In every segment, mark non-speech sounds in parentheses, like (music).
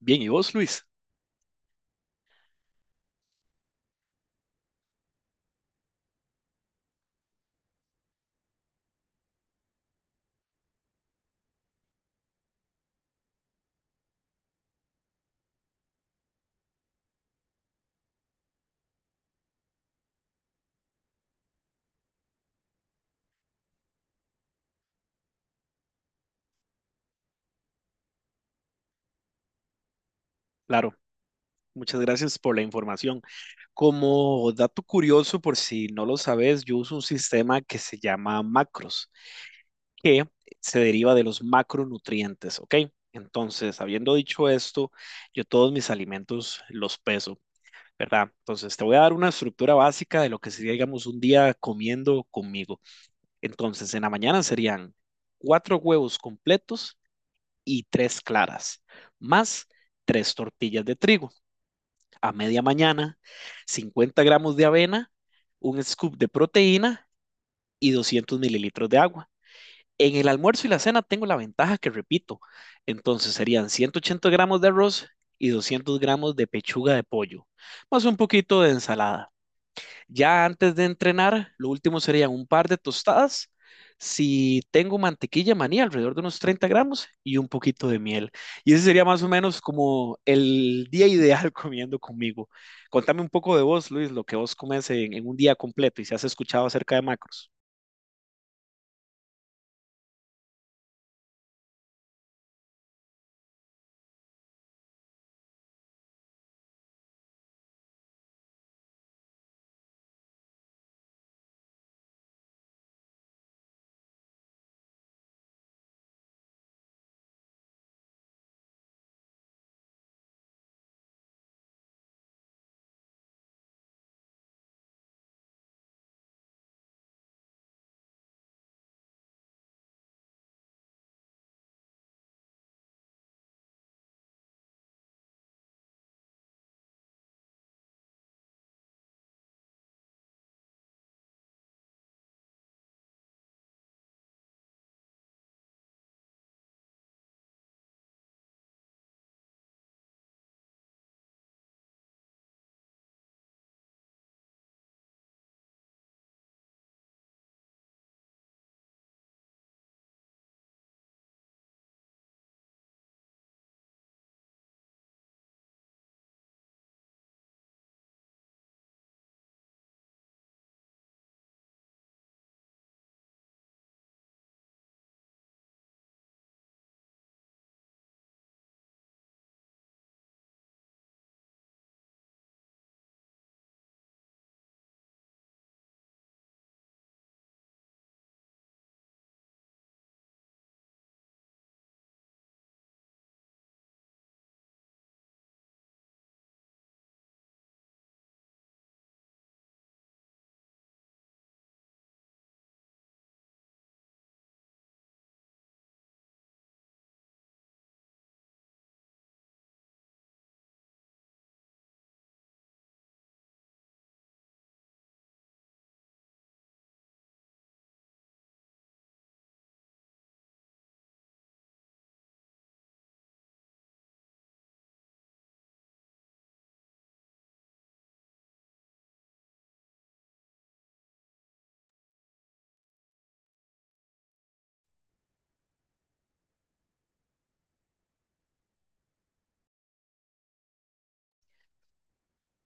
Bien, ¿y vos, Luis? Claro, muchas gracias por la información. Como dato curioso, por si no lo sabes, yo uso un sistema que se llama macros, que se deriva de los macronutrientes, ¿ok? Entonces, habiendo dicho esto, yo todos mis alimentos los peso, ¿verdad? Entonces, te voy a dar una estructura básica de lo que sería, digamos, un día comiendo conmigo. Entonces, en la mañana serían cuatro huevos completos y tres claras, más tres tortillas de trigo. A media mañana, 50 gramos de avena, un scoop de proteína y 200 mililitros de agua. En el almuerzo y la cena tengo la ventaja que repito, entonces serían 180 gramos de arroz y 200 gramos de pechuga de pollo, más un poquito de ensalada. Ya antes de entrenar, lo último serían un par de tostadas. Si tengo mantequilla maní, alrededor de unos 30 gramos y un poquito de miel. Y ese sería más o menos como el día ideal (laughs) comiendo conmigo. Contame un poco de vos, Luis, lo que vos comes en un día completo y si has escuchado acerca de macros.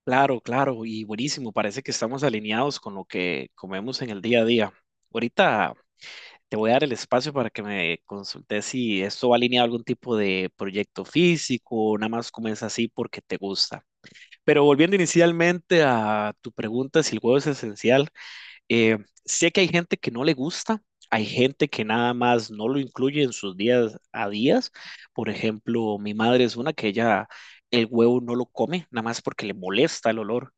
Claro, claro, y buenísimo. Parece que estamos alineados con lo que comemos en el día a día. Ahorita te voy a dar el espacio para que me consultes si esto va alineado a algún tipo de proyecto físico o nada más comienza así porque te gusta. Pero volviendo inicialmente a tu pregunta, si el huevo es esencial, eh, sé que hay gente que no le gusta, hay gente que nada más no lo incluye en sus días a días. Por ejemplo, mi madre es una que ella el huevo no lo come, nada más porque le molesta el olor.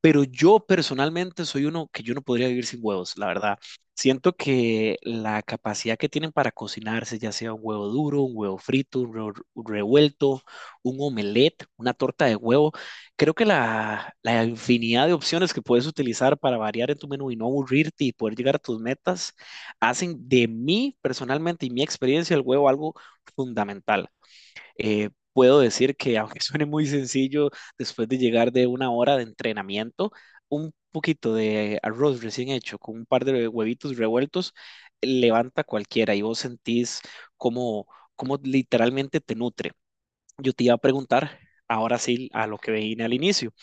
Pero yo personalmente soy uno que yo no podría vivir sin huevos, la verdad. Siento que la capacidad que tienen para cocinarse, ya sea un huevo duro, un huevo frito, un huevo revuelto, un omelette, una torta de huevo, creo que la infinidad de opciones que puedes utilizar para variar en tu menú y no aburrirte y poder llegar a tus metas, hacen de mí personalmente y mi experiencia el huevo algo fundamental. Puedo decir que, aunque (laughs) suene muy sencillo, después de llegar de una hora de entrenamiento, un poquito de arroz recién hecho con un par de huevitos revueltos, levanta cualquiera y vos sentís cómo, cómo literalmente te nutre. Yo te iba a preguntar, ahora sí, a lo que vine al inicio.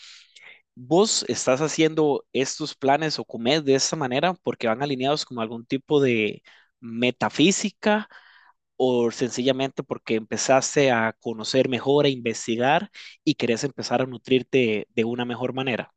¿Vos estás haciendo estos planes o comés de esta manera porque van alineados con algún tipo de metafísica o sencillamente porque empezaste a conocer mejor, a investigar y querés empezar a nutrirte de una mejor manera?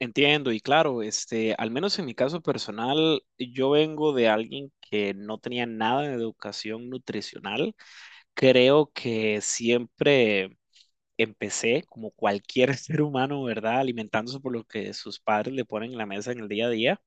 Entiendo, y claro, este, al menos en mi caso personal, yo vengo de alguien que no tenía nada de educación nutricional. Creo que siempre empecé, como cualquier (laughs) ser humano, ¿verdad? Alimentándose por lo que sus padres le ponen en la mesa en el día a día.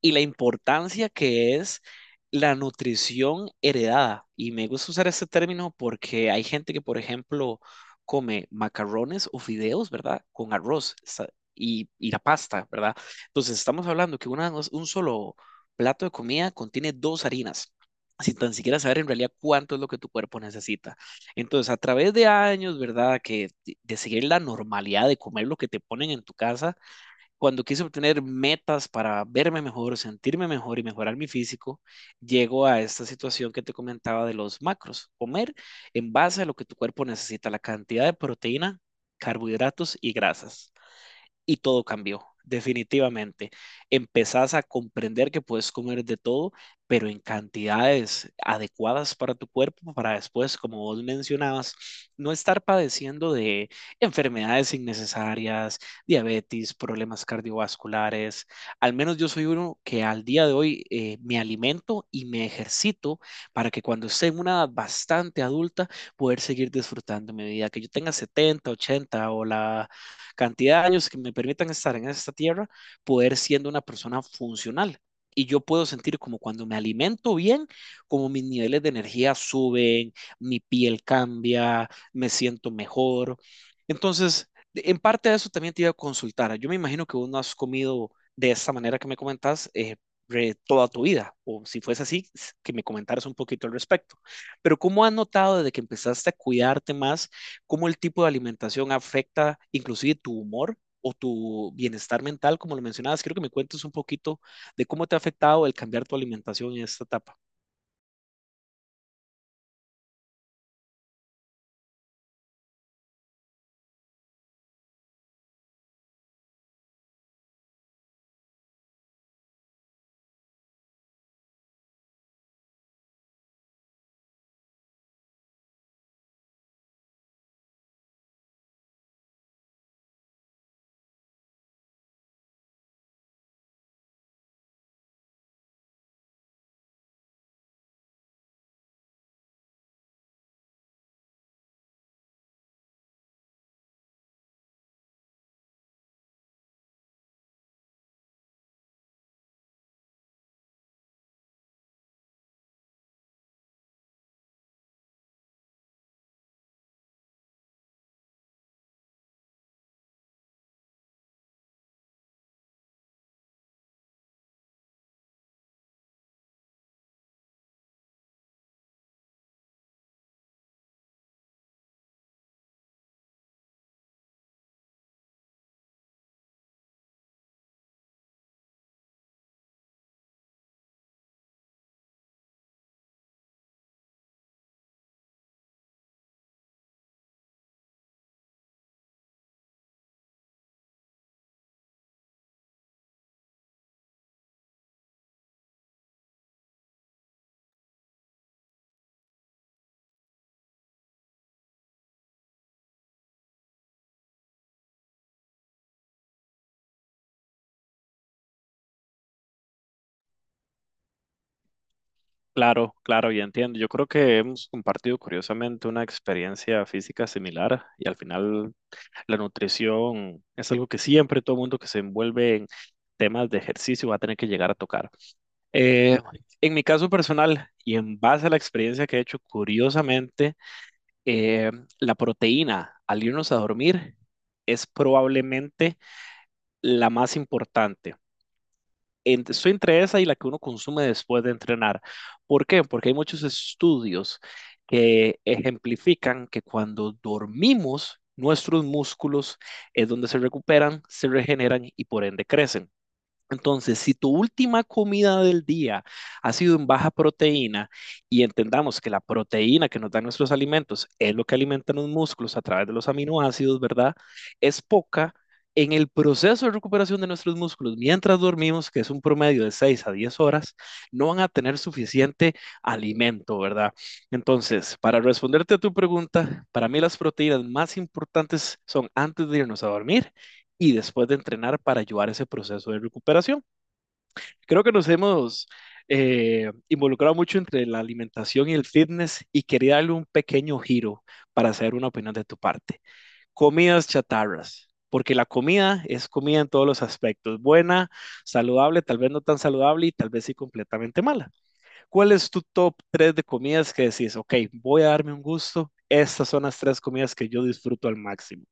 Y la importancia que es la nutrición heredada. Y me gusta usar este término porque hay gente que, por ejemplo, come macarrones o fideos, ¿verdad? Con arroz y la pasta, ¿verdad? Entonces estamos hablando que un solo plato de comida contiene dos harinas. Sin tan siquiera saber en realidad cuánto es lo que tu cuerpo necesita. Entonces, a través de años, ¿verdad? Que de seguir la normalidad de comer lo que te ponen en tu casa, cuando quise obtener metas para verme mejor, sentirme mejor y mejorar mi físico, llego a esta situación que te comentaba de los macros. Comer en base a lo que tu cuerpo necesita, la cantidad de proteína, carbohidratos y grasas y todo cambió, definitivamente. Empezás a comprender que puedes comer de todo, pero en cantidades adecuadas para tu cuerpo, para después, como vos mencionabas, no estar padeciendo de enfermedades innecesarias, diabetes, problemas cardiovasculares. Al menos yo soy uno que al día de hoy me alimento y me ejercito para que cuando esté en una edad bastante adulta, poder seguir disfrutando mi vida, que yo tenga 70, 80 o la cantidad de años que me permitan estar en esta tierra, poder siendo una persona funcional. Y yo puedo sentir como cuando me alimento bien, como mis niveles de energía suben, mi piel cambia, me siento mejor. Entonces, en parte de eso también te iba a consultar. Yo me imagino que vos no has comido de esta manera que me comentas toda tu vida, o si fuese así, que me comentaras un poquito al respecto. Pero ¿cómo has notado desde que empezaste a cuidarte más cómo el tipo de alimentación afecta inclusive tu humor o tu bienestar mental, como lo mencionabas? Quiero que me cuentes un poquito de cómo te ha afectado el cambiar tu alimentación en esta etapa. Claro, claro, ya entiendo. Yo creo que hemos compartido curiosamente una experiencia física similar y al final la nutrición es algo que siempre todo mundo que se envuelve en temas de ejercicio va a tener que llegar a tocar. Eh, en mi caso personal y en base a la experiencia que he hecho, curiosamente, eh, la proteína al irnos a dormir es probablemente la más importante. Estoy entre esa y la que uno consume después de entrenar. ¿Por qué? Porque hay muchos estudios que ejemplifican que cuando dormimos, nuestros músculos es donde se recuperan, se regeneran y por ende crecen. Entonces, si tu última comida del día ha sido en baja proteína y entendamos que la proteína que nos dan nuestros alimentos es lo que alimentan los músculos a través de los aminoácidos, ¿verdad? Es poca. En el proceso de recuperación de nuestros músculos, mientras dormimos, que es un promedio de 6 a 10 horas, no van a tener suficiente alimento, ¿verdad? Entonces, para responderte a tu pregunta, para mí las proteínas más importantes son antes de irnos a dormir y después de entrenar para ayudar a ese proceso de recuperación. Creo que nos hemos involucrado mucho entre la alimentación y el fitness y quería darle un pequeño giro para hacer una opinión de tu parte. Comidas chatarras, porque la comida es comida en todos los aspectos, buena, saludable, tal vez no tan saludable y tal vez sí completamente mala. ¿Cuál es tu top 3 de comidas que decís, ok, voy a darme un gusto? Estas son las tres comidas que yo disfruto al máximo.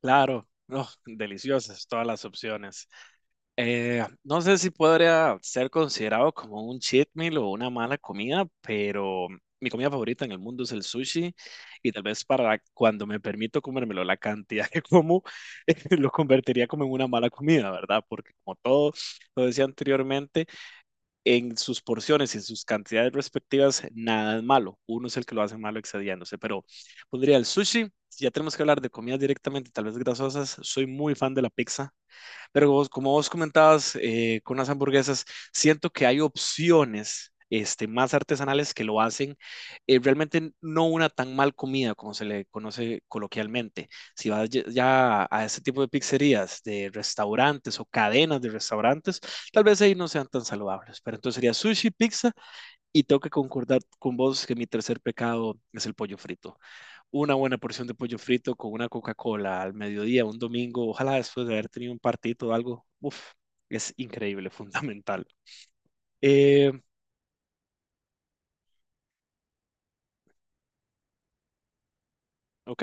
Claro, no, deliciosas todas las opciones. No sé si podría ser considerado como un cheat meal o una mala comida, pero mi comida favorita en el mundo es el sushi y tal vez para cuando me permito comérmelo, la cantidad que como (laughs) lo convertiría como en una mala comida, ¿verdad? Porque como todo lo decía anteriormente, en sus porciones y en sus cantidades respectivas, nada es malo. Uno es el que lo hace malo excediéndose, pero pondría el sushi. Si ya tenemos que hablar de comidas directamente, tal vez grasosas, soy muy fan de la pizza. Pero vos- como vos comentabas con las hamburguesas, siento que hay opciones este, más artesanales que lo hacen realmente no una tan mal comida como se le conoce coloquialmente. Si vas ya a ese tipo de pizzerías, de restaurantes o cadenas de restaurantes, tal vez ahí no sean tan saludables. Pero entonces sería sushi, pizza y tengo que concordar con vos que mi tercer pecado es el pollo frito. Una buena porción de pollo frito con una Coca-Cola al mediodía, un domingo, ojalá después de haber tenido un partido o algo, uf, es increíble, (laughs) fundamental. Eh, ok,